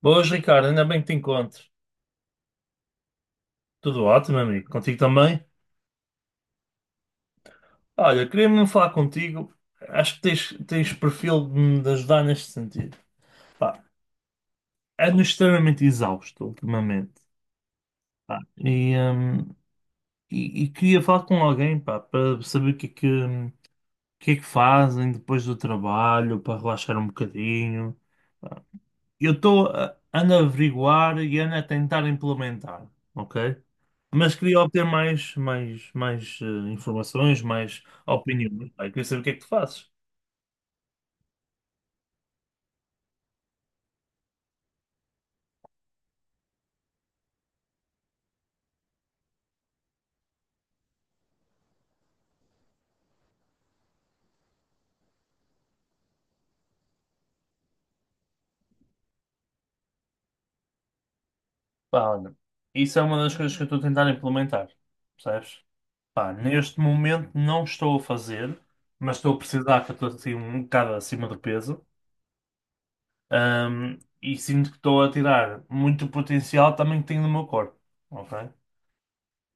Boas, Ricardo, ainda bem que te encontro. Tudo ótimo, amigo. Contigo também? Olha, queria mesmo falar contigo. Acho que tens perfil de me ajudar neste sentido. Pá, ando extremamente exausto ultimamente. Pá, e queria falar com alguém, pá, para saber o que é que o que é que fazem depois do trabalho, para relaxar um bocadinho. Eu estou a ando a averiguar e ando a tentar implementar, ok? Mas queria obter mais informações, mais opiniões. Pá, eu queria saber o que é que tu fazes. Pá, olha, isso é uma das coisas que eu estou a tentar implementar, percebes? Pá, neste momento não estou a fazer, mas estou a precisar, que eu estou assim um bocado acima do peso. E sinto que estou a tirar muito potencial também que tenho no meu corpo, ok?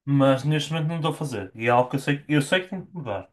Mas neste momento não estou a fazer. E é algo que eu sei que tenho que mudar,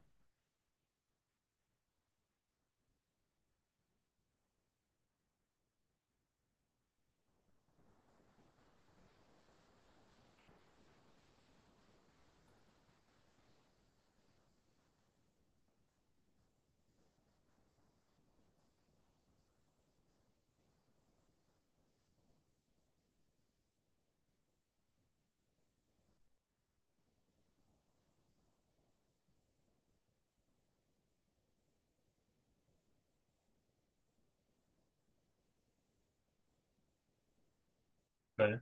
ok?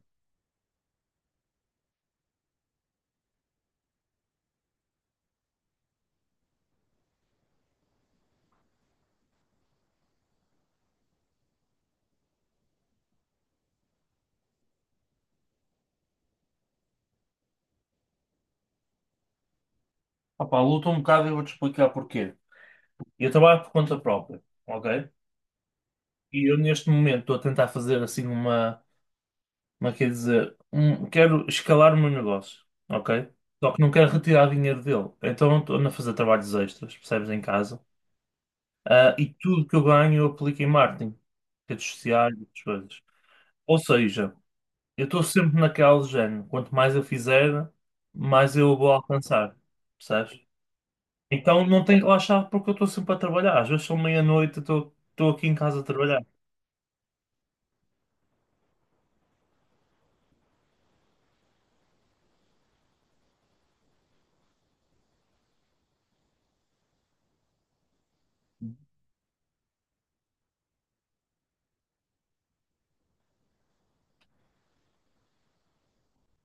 Ah, luto um bocado e vou-te explicar porquê. Eu trabalho por conta própria, ok? E eu neste momento estou a tentar fazer assim uma quer dizer, um, quero escalar o meu negócio, ok? Só que não quero retirar dinheiro dele. Então estou a fazer trabalhos extras, percebes, em casa. Ah, e tudo que eu ganho eu aplico em marketing, redes sociais, outras coisas. Ou seja, eu estou sempre naquela do género, quanto mais eu fizer, mais eu vou alcançar, percebes? Então não tenho que relaxar porque eu estou sempre a trabalhar. Às vezes são meia-noite, eu estou aqui em casa a trabalhar.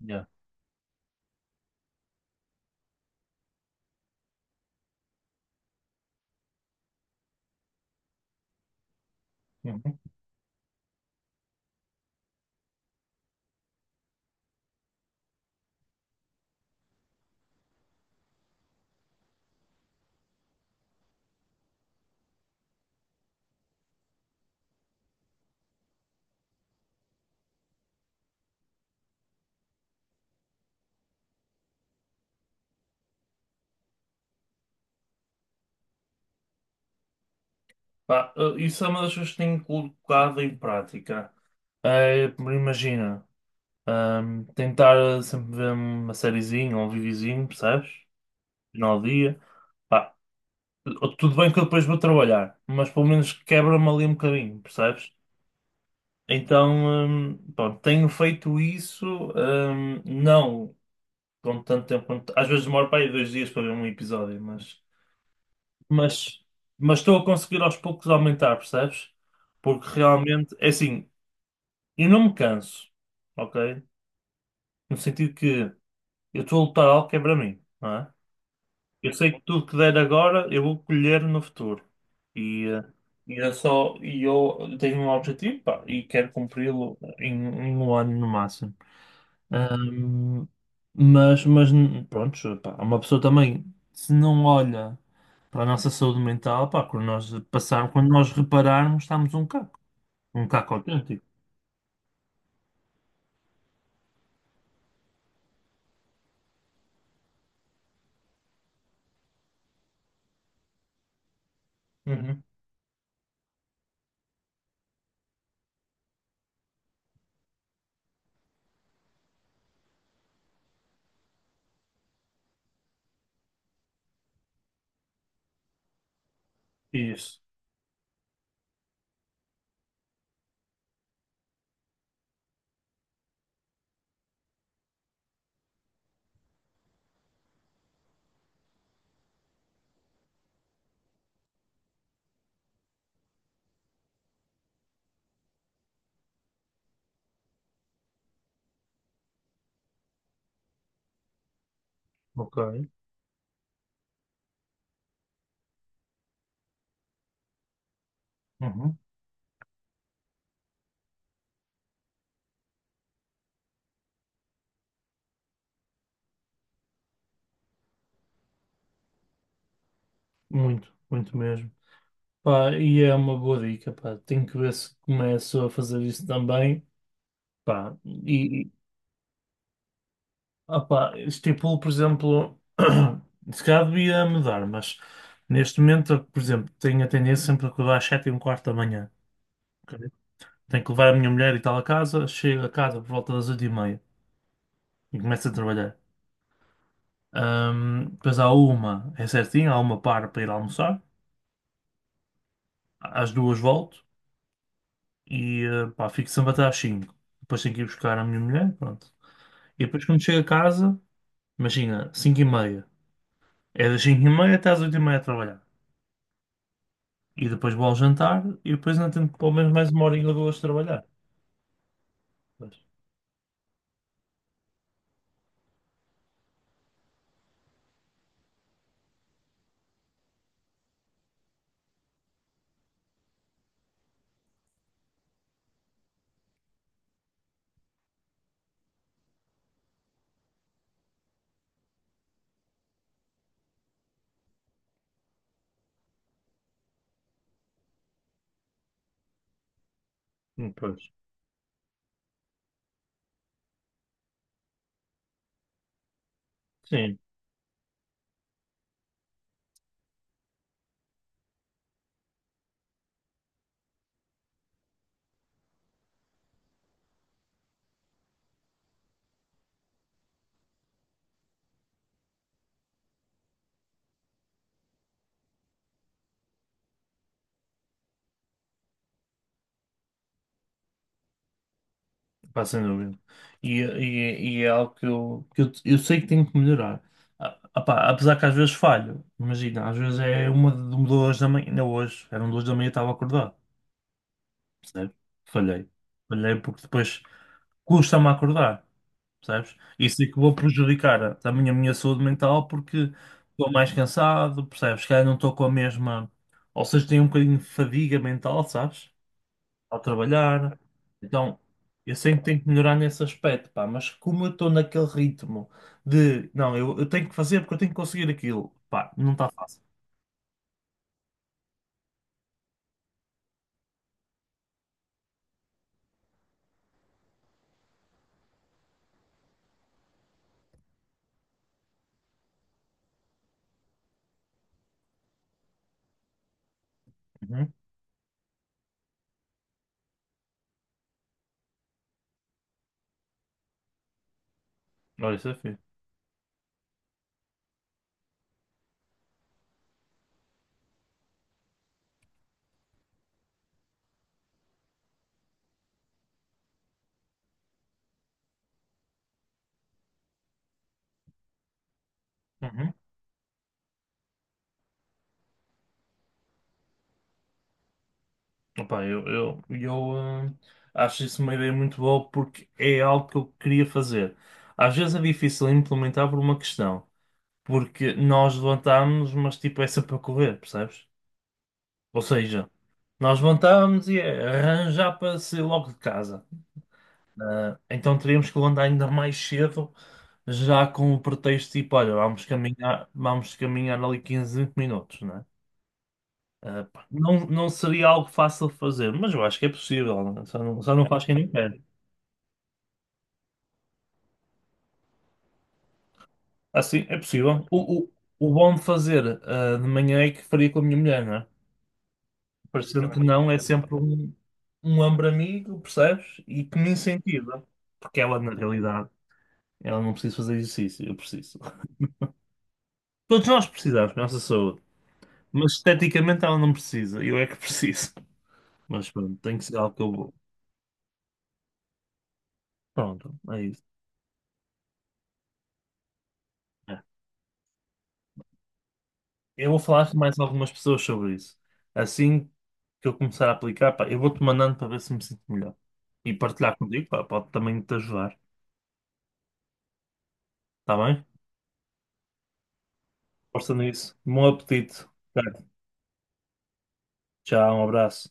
Yeah. Hum. Pá, isso é uma das coisas que tenho colocado em prática. É, imagina, tentar sempre ver uma sériezinha ou um videozinho, percebes? Final do dia. Pá, eh, tudo bem que eu depois vou trabalhar, mas pelo menos quebra-me ali um bocadinho, percebes? Então, pronto, tenho feito isso, não com tanto tempo. Às vezes demoro para aí 2 dias para ver um episódio, mas, mas estou a conseguir aos poucos aumentar, percebes? Porque realmente, é assim. E não me canso, ok? No sentido que eu estou a lutar algo que é para mim, não é? Eu sei que tudo que der agora eu vou colher no futuro. E, eh, e é só, e eu tenho um objetivo, pá, e quero cumpri-lo em um ano no máximo. Ahm, mas pronto, pá, uma pessoa também, se não olha para a nossa saúde mental, pá, quando nós passarmos, quando nós repararmos, estamos um caco autêntico. Uhum. Isso. Ok. Uhum. Muito, muito mesmo. Pá, e é uma boa dica, pá. Tenho que ver se começo a fazer isso também, pá. E pá, estipulo, por exemplo, se calhar devia mudar, mas neste momento, eu, por exemplo, tenho a tendência sempre a acordar às 7:15 da manhã. Ok? Tenho que levar a minha mulher e tal a casa, chego a casa por volta das 8:30 e começo a trabalhar. Depois há uma, é certinho, há uma para para ir almoçar, às 2 volto. E pá, fico sempre até às 5. Depois tenho que ir buscar a minha mulher, pronto. E depois quando chego a casa, imagina, 5:30. É das 5:30 até às 8:30 a trabalhar. E depois vou ao jantar e depois ainda tenho pelo menos mais uma horinha ou duas de trabalhar. Pois. Pois. Sim, pá, sem dúvida. E é algo que eu, que eu sei que tenho que melhorar. Pá, apesar que às vezes falho. Imagina, às vezes é 2 da manhã. Ainda hoje, eram 2 da manhã e estava acordado. Percebe? Falhei. Falhei porque depois custa-me a acordar, percebes? Isso é que vou prejudicar também a minha saúde mental porque estou mais cansado, percebes? Se calhar não estou com a mesma, ou seja, tenho um bocadinho de fadiga mental, sabes? Ao trabalhar. Então, eu sei que tenho que melhorar nesse aspecto, pá, mas como eu estou naquele ritmo de, não, eu tenho que fazer porque eu tenho que conseguir aquilo, pá, não está fácil. Uhum. Olha, isso é fixe. Uhum. Opa, eu acho isso uma ideia muito boa porque é algo que eu queria fazer. Às vezes é difícil implementar por uma questão, porque nós levantámos, mas tipo é sempre para correr, percebes? Ou seja, nós levantámos e é arranjar para sair logo de casa. Ah, então teríamos que levantar ainda mais cedo, já com o pretexto tipo, olha, vamos caminhar ali 15 20 minutos, né? Ah, pá, não, não seria algo fácil de fazer, mas eu acho que é possível, né? Só não faz quem não quer. Assim, é possível. O bom de fazer de manhã é que faria com a minha mulher, não é? Parecendo que não, é sempre um ombro amigo, percebes? E que me incentiva. Porque ela, na realidade, ela não precisa fazer exercício, eu preciso. Todos nós precisamos da nossa saúde, mas esteticamente ela não precisa, eu é que preciso. Mas pronto, tem que ser algo que eu vou. Pronto, é isso. É. Eu vou falar com mais algumas pessoas sobre isso. Assim que eu começar a aplicar, pá, eu vou-te mandando para ver se me sinto melhor. E partilhar contigo, pá, pode também te ajudar. Está bem? Força nisso. Bom apetite. Tá. Tchau, um abraço.